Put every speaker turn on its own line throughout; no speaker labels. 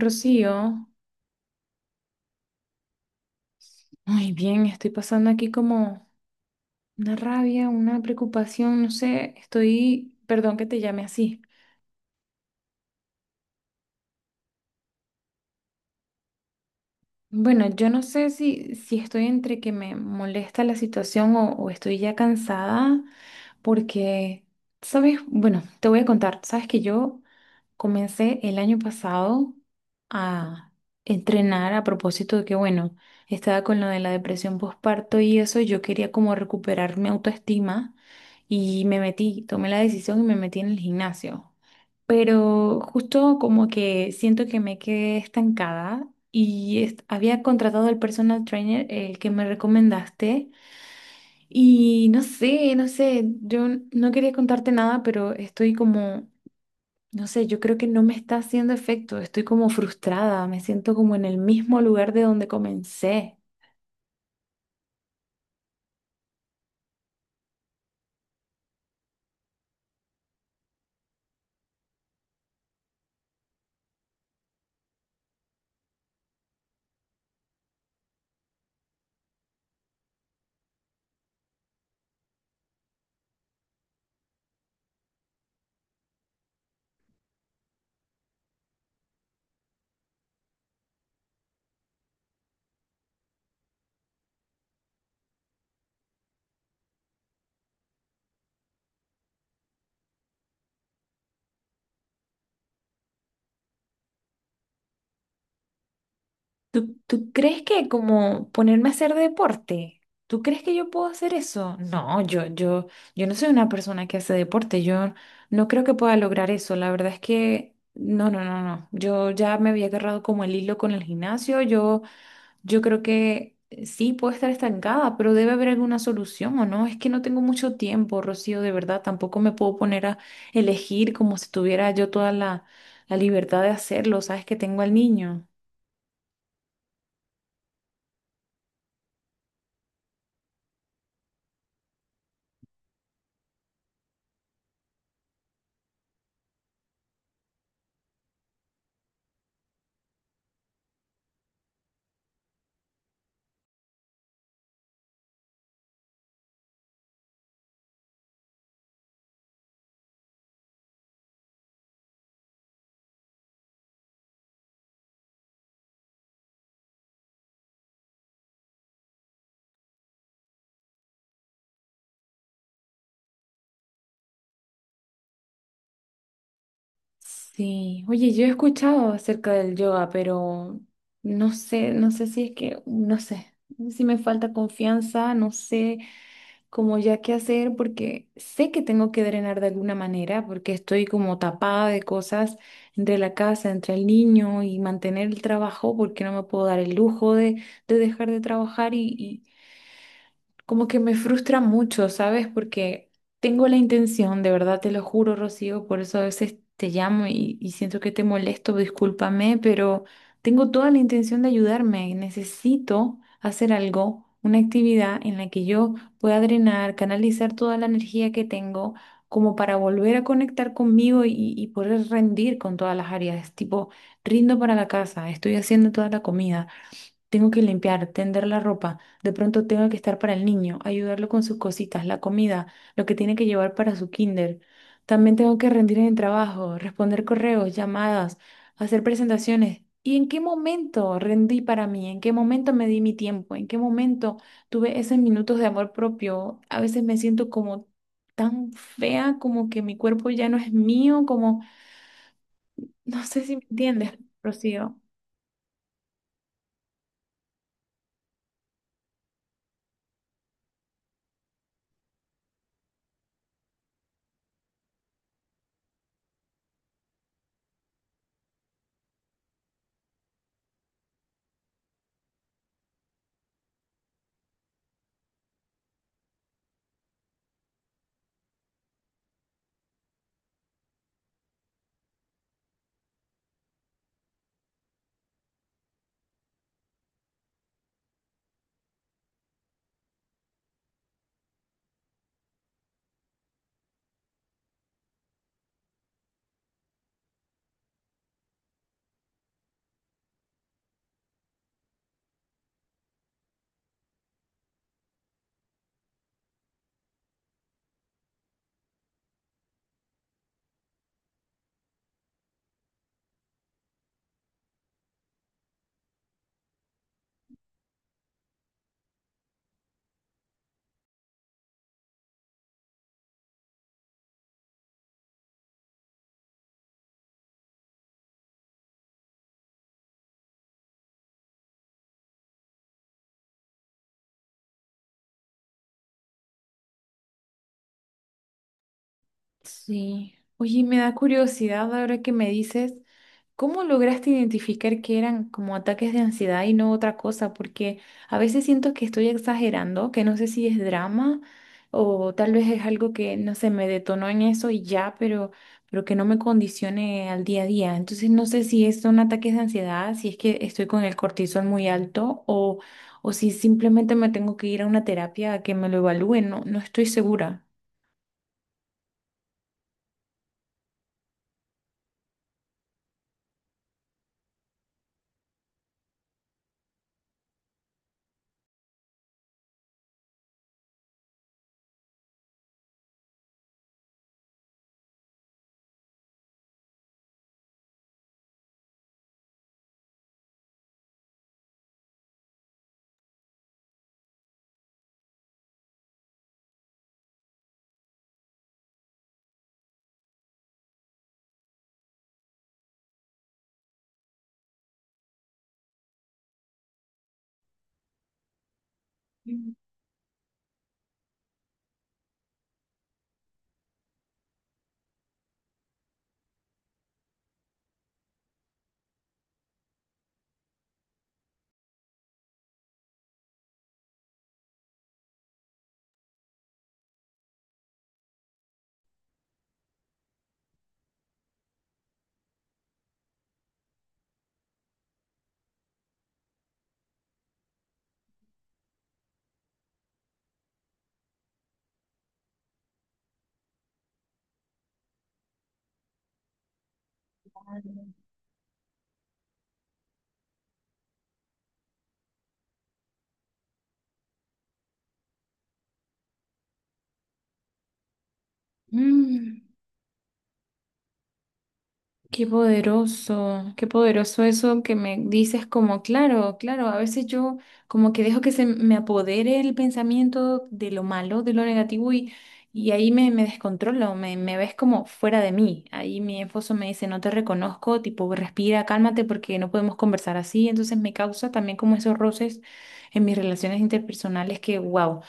Rocío, muy bien, estoy pasando aquí como una rabia, una preocupación, no sé, estoy, perdón que te llame así. Bueno, yo no sé si estoy entre que me molesta la situación o estoy ya cansada, porque, sabes, bueno, te voy a contar, sabes que yo Comencé el año pasado a entrenar a propósito de que, bueno, estaba con lo de la depresión postparto y eso, y yo quería como recuperar mi autoestima y me metí, tomé la decisión y me metí en el gimnasio. Pero justo como que siento que me quedé estancada y había contratado al personal trainer, el que me recomendaste, y no sé, yo no quería contarte nada, pero estoy como no sé, yo creo que no me está haciendo efecto. Estoy como frustrada, me siento como en el mismo lugar de donde comencé. ¿Tú crees que como ponerme a hacer deporte? ¿Tú crees que yo puedo hacer eso? No, yo no soy una persona que hace deporte. Yo no creo que pueda lograr eso. La verdad es que no, no, no, no. Yo ya me había agarrado como el hilo con el gimnasio. Yo Yo creo que sí, puedo estar estancada, pero debe haber alguna solución, ¿o no? Es que no tengo mucho tiempo, Rocío, de verdad. Tampoco me puedo poner a elegir como si tuviera yo toda la libertad de hacerlo, ¿sabes? Que tengo al niño. Sí, oye, yo he escuchado acerca del yoga, pero no sé, no sé si es que, no sé, si me falta confianza, no sé, como ya qué hacer, porque sé que tengo que drenar de alguna manera, porque estoy como tapada de cosas entre la casa, entre el niño y mantener el trabajo, porque no me puedo dar el lujo de dejar de trabajar y, como que me frustra mucho, ¿sabes? Porque tengo la intención, de verdad te lo juro, Rocío, por eso a veces te llamo y siento que te molesto, discúlpame, pero tengo toda la intención de ayudarme y necesito hacer algo, una actividad en la que yo pueda drenar, canalizar toda la energía que tengo, como para volver a conectar conmigo y poder rendir con todas las áreas, tipo, rindo para la casa, estoy haciendo toda la comida, tengo que limpiar, tender la ropa, de pronto tengo que estar para el niño, ayudarlo con sus cositas, la comida, lo que tiene que llevar para su kinder. También tengo que rendir en el trabajo, responder correos, llamadas, hacer presentaciones. ¿Y en qué momento rendí para mí? ¿En qué momento me di mi tiempo? ¿En qué momento tuve esos minutos de amor propio? A veces me siento como tan fea, como que mi cuerpo ya no es mío, como no sé si me entiendes, Rocío. Sí. Oye, me da curiosidad ahora que me dices, ¿cómo lograste identificar que eran como ataques de ansiedad y no otra cosa? Porque a veces siento que estoy exagerando, que no sé si es drama o tal vez es algo que, no sé, me detonó en eso y ya, pero que no me condicione al día a día. Entonces no sé si son ataques de ansiedad, si es que estoy con el cortisol muy alto o si simplemente me tengo que ir a una terapia a que me lo evalúen. No, no estoy segura. Mm. Qué poderoso eso que me dices como, claro, claro, a veces yo como que dejo que se me apodere el pensamiento de lo malo, de lo negativo y ahí me, me descontrolo, me ves como fuera de mí. Ahí mi esposo me dice, no te reconozco, tipo, respira, cálmate porque no podemos conversar así. Entonces me causa también como esos roces en mis relaciones interpersonales que, wow,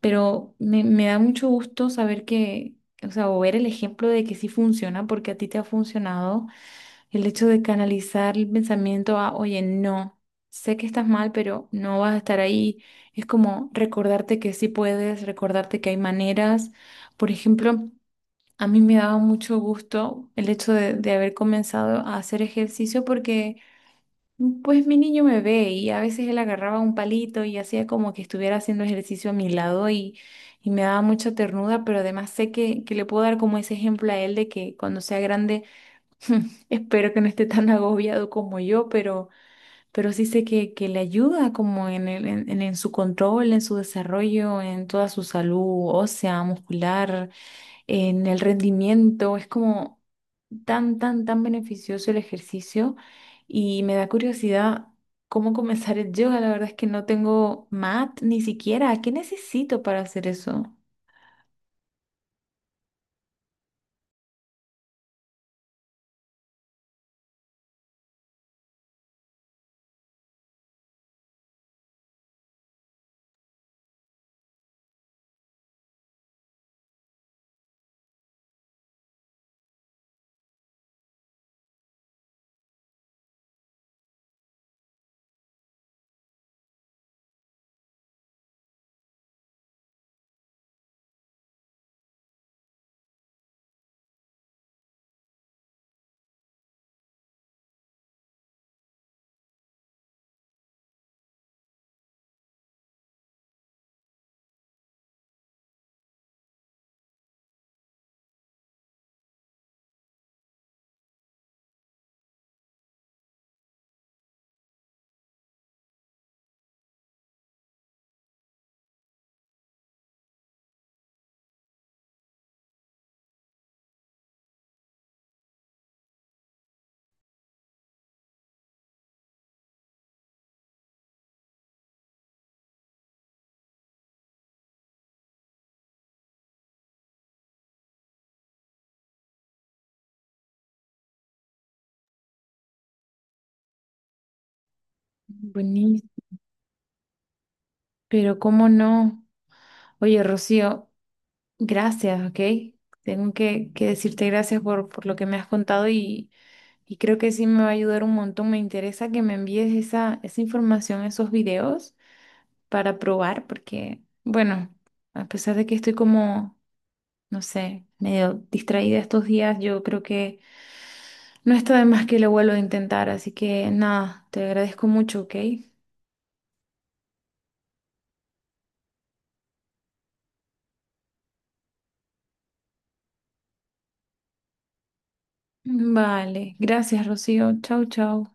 pero me da mucho gusto saber que, o sea, o ver el ejemplo de que sí funciona porque a ti te ha funcionado el hecho de canalizar el pensamiento a, oye, no, sé que estás mal, pero no vas a estar ahí. Es como recordarte que sí puedes, recordarte que hay maneras. Por ejemplo, a mí me daba mucho gusto el hecho de haber comenzado a hacer ejercicio porque, pues, mi niño me ve y a veces él agarraba un palito y hacía como que estuviera haciendo ejercicio a mi lado y me daba mucha ternura, pero además sé que le puedo dar como ese ejemplo a él de que cuando sea grande espero que no esté tan agobiado como yo, pero sí sé que le ayuda como en, en, en su control, en su desarrollo, en toda su salud ósea, muscular, en el rendimiento. Es como tan, tan, tan beneficioso el ejercicio y me da curiosidad cómo comenzar el yoga. La verdad es que no tengo mat ni siquiera. ¿Qué necesito para hacer eso? Buenísimo, pero cómo no. Oye, Rocío. Gracias, ok. Tengo que decirte gracias por lo que me has contado y creo que sí me va a ayudar un montón. Me interesa que me envíes esa, esa información, esos videos para probar, porque, bueno, a pesar de que estoy como, no sé, medio distraída estos días, yo creo que no está de más que lo vuelvo a intentar. Así que nada, te agradezco mucho, ok. Vale, gracias, Rocío. Chau, chau.